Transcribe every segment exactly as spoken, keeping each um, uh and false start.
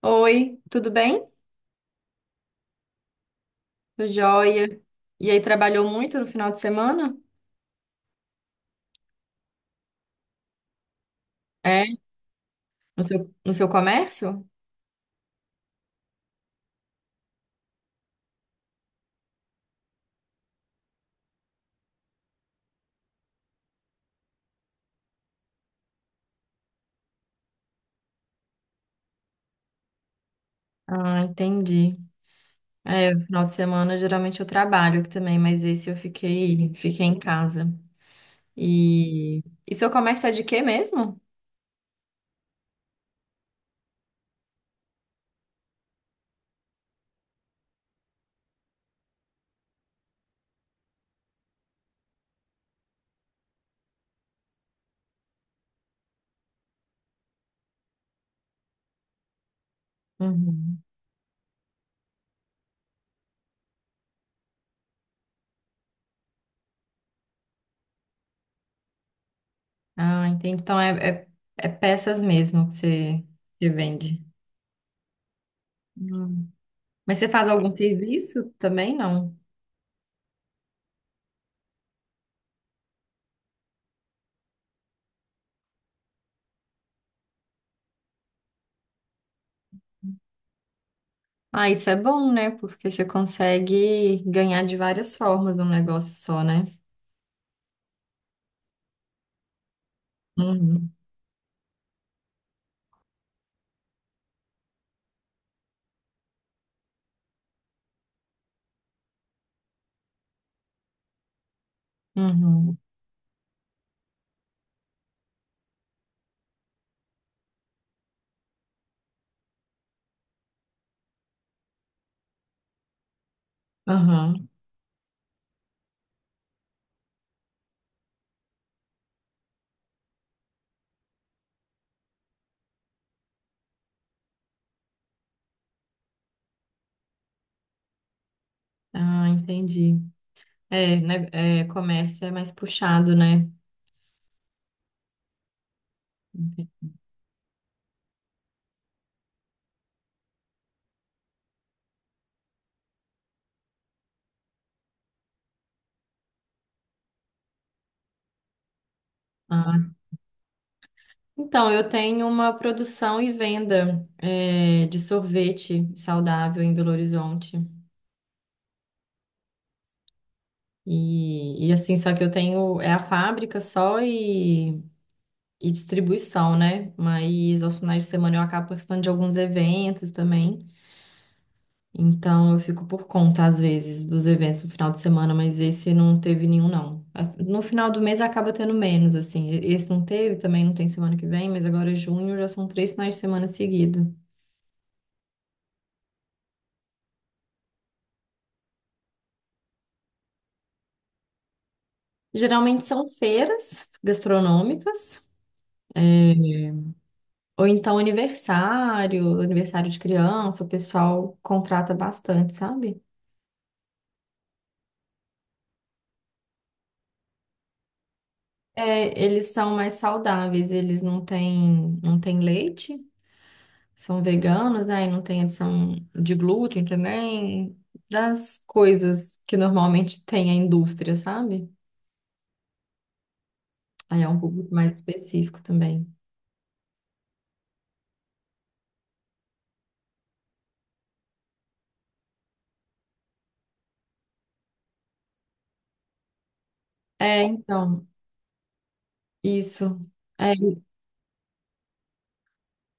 Oi, tudo bem? Tô joia. E aí, trabalhou muito no final de semana? É, no seu, no seu comércio? Ah, entendi. É, no final de semana geralmente eu trabalho aqui também, mas esse eu fiquei, fiquei em casa. E, e seu comércio é de quê mesmo? Uhum. Ah, entendi. Então é, é, é peças mesmo que você, que vende. Hum. Mas você faz algum serviço também, não? Ah, isso é bom, né? Porque você consegue ganhar de várias formas um negócio só, né? Uhum, uhum, uhum. Ah, entendi. É, né, é, comércio é mais puxado, né? Ah. Então, eu tenho uma produção e venda, é, de sorvete saudável em Belo Horizonte. E, e assim, só que eu tenho, é a fábrica só e, e distribuição, né? Mas aos finais de semana eu acabo participando de alguns eventos também. Então eu fico por conta, às vezes, dos eventos no final de semana, mas esse não teve nenhum, não. A- No final do mês acaba tendo menos, assim. E- Esse não teve, também não tem semana que vem, mas agora é junho, já são três finais de semana seguidos. Geralmente são feiras gastronômicas, é, ou então aniversário, aniversário de criança, o pessoal contrata bastante, sabe? É, eles são mais saudáveis, eles não têm, não têm leite. São veganos, né? E não tem adição de glúten também, das coisas que normalmente tem a indústria, sabe? Aí é um público mais específico também. É, então, isso. É,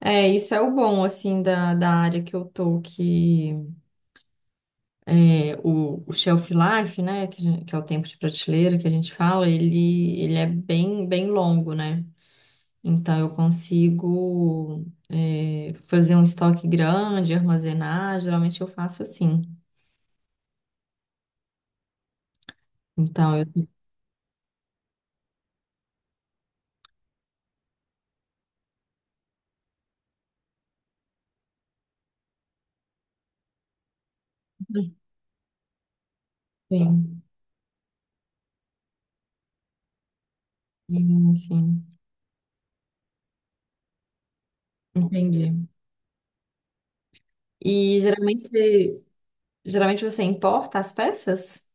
é, isso é o bom, assim, da, da área que eu tô, que é, o, o shelf life, né, que, a gen- que é o tempo de prateleira que a gente fala, ele, ele é bem, bem longo, né? Então, eu consigo eh, fazer um estoque grande, armazenar. Geralmente, eu faço assim. Então, eu. Sim, sim, sim. Entendi. E geralmente, você- geralmente você importa as peças?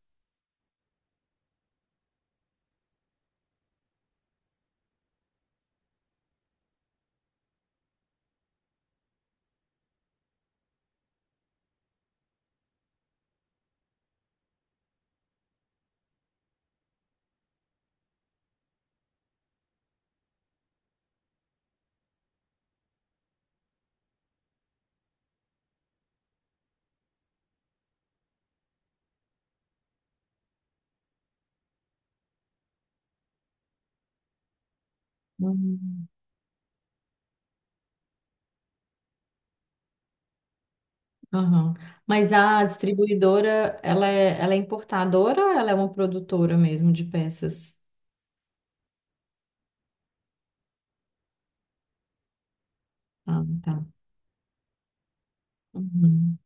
Hum. Aham. Mas a distribuidora, ela é, ela é importadora ou ela é uma produtora mesmo de peças? Ah, tá. Uhum.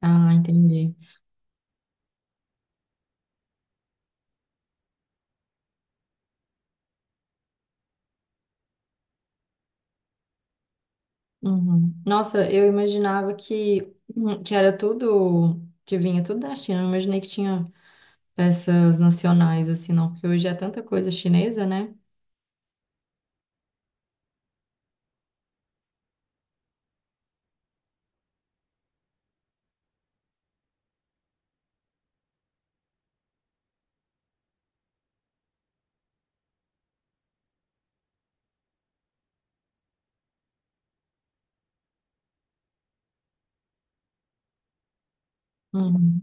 Ah, entendi. Uhum. Nossa, eu imaginava que, hum, que era tudo, que vinha tudo da China. Eu não imaginei que tinha peças nacionais assim, não, porque hoje é tanta coisa chinesa, né? Uhum.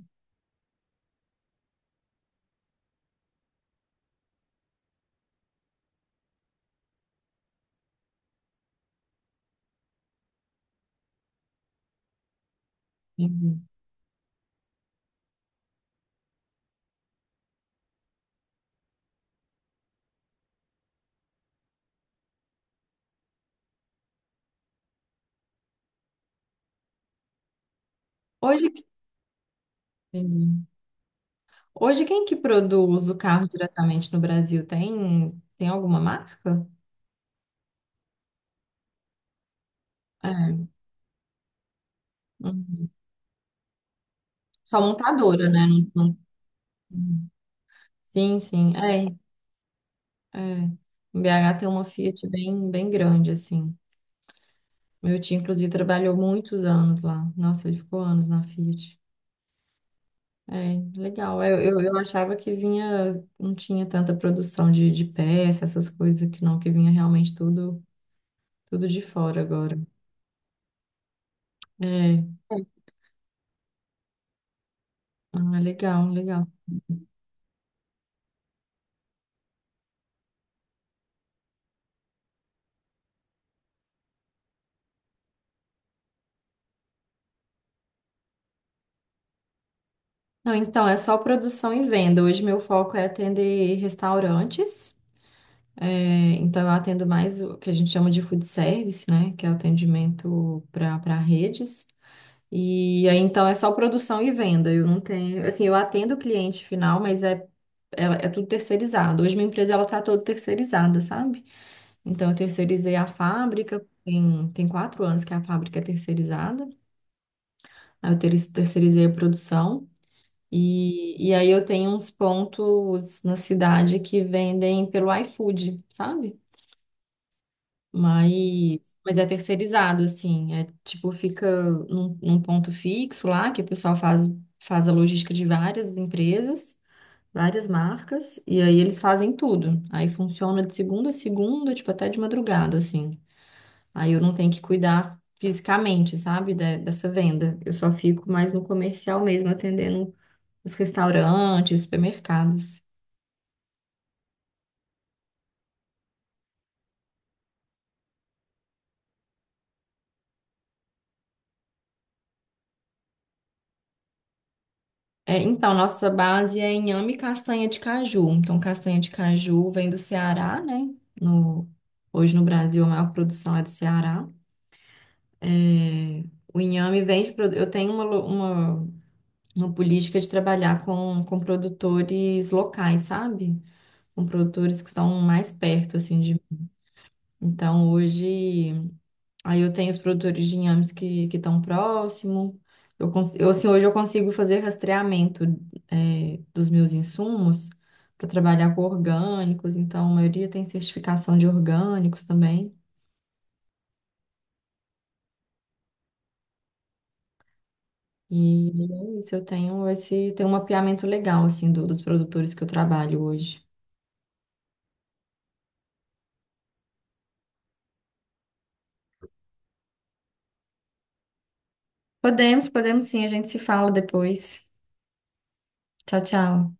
Entendi. Hoje, que- entendi. Hoje quem que produz o carro diretamente no Brasil? Tem, tem alguma marca? É. Uhum. Só montadora, né? Não- não- uhum. Sim, sim. É, é. Em B H tem uma Fiat bem, bem grande, assim. Meu tio, inclusive, trabalhou muitos anos lá. Nossa, ele ficou anos na Fiat. É, legal. Eu, eu, eu achava que vinha, não tinha tanta produção de, de peça, essas coisas que não, que vinha realmente tudo, tudo de fora agora. É, ah, legal, legal. Não, então, é só produção e venda. Hoje meu foco é atender restaurantes. É, então, eu atendo mais o que a gente chama de food service, né? Que é o atendimento para para redes. E aí, então, é só produção e venda. Eu não tenho, assim, eu atendo o cliente final, mas é, é, é tudo terceirizado. Hoje minha empresa ela tá toda terceirizada, sabe? Então, eu terceirizei a fábrica, tem, tem quatro anos que a fábrica é terceirizada. Aí eu ter- terceirizei a produção. E, e aí eu tenho uns pontos na cidade que vendem pelo iFood, sabe? Mas, mas é terceirizado, assim. É tipo, fica num, num ponto fixo lá, que o pessoal faz, faz a logística de várias empresas, várias marcas, e aí eles fazem tudo. Aí funciona de segunda a segunda, tipo, até de madrugada, assim. Aí eu não tenho que cuidar fisicamente, sabe, de- dessa venda. Eu só fico mais no comercial mesmo, atendendo os restaurantes, supermercados. É, então, nossa base é inhame e castanha de caju. Então, castanha de caju vem do Ceará, né? No, hoje no Brasil a maior produção é do Ceará. É, o inhame vem de... produ- Eu tenho uma, lo- uma, uma política de trabalhar com, com produtores locais, sabe? Com produtores que estão mais perto, assim, de... Então, hoje... Aí eu tenho os produtores de inhames que que estão próximo. Eu, cons- eu, assim, hoje eu consigo fazer rastreamento é, dos meus insumos para trabalhar com orgânicos, então a maioria tem certificação de orgânicos também. E é isso, eu tenho esse, tenho um mapeamento legal assim do- dos produtores que eu trabalho hoje. Podemos, podemos sim, a gente se fala depois. Tchau, tchau.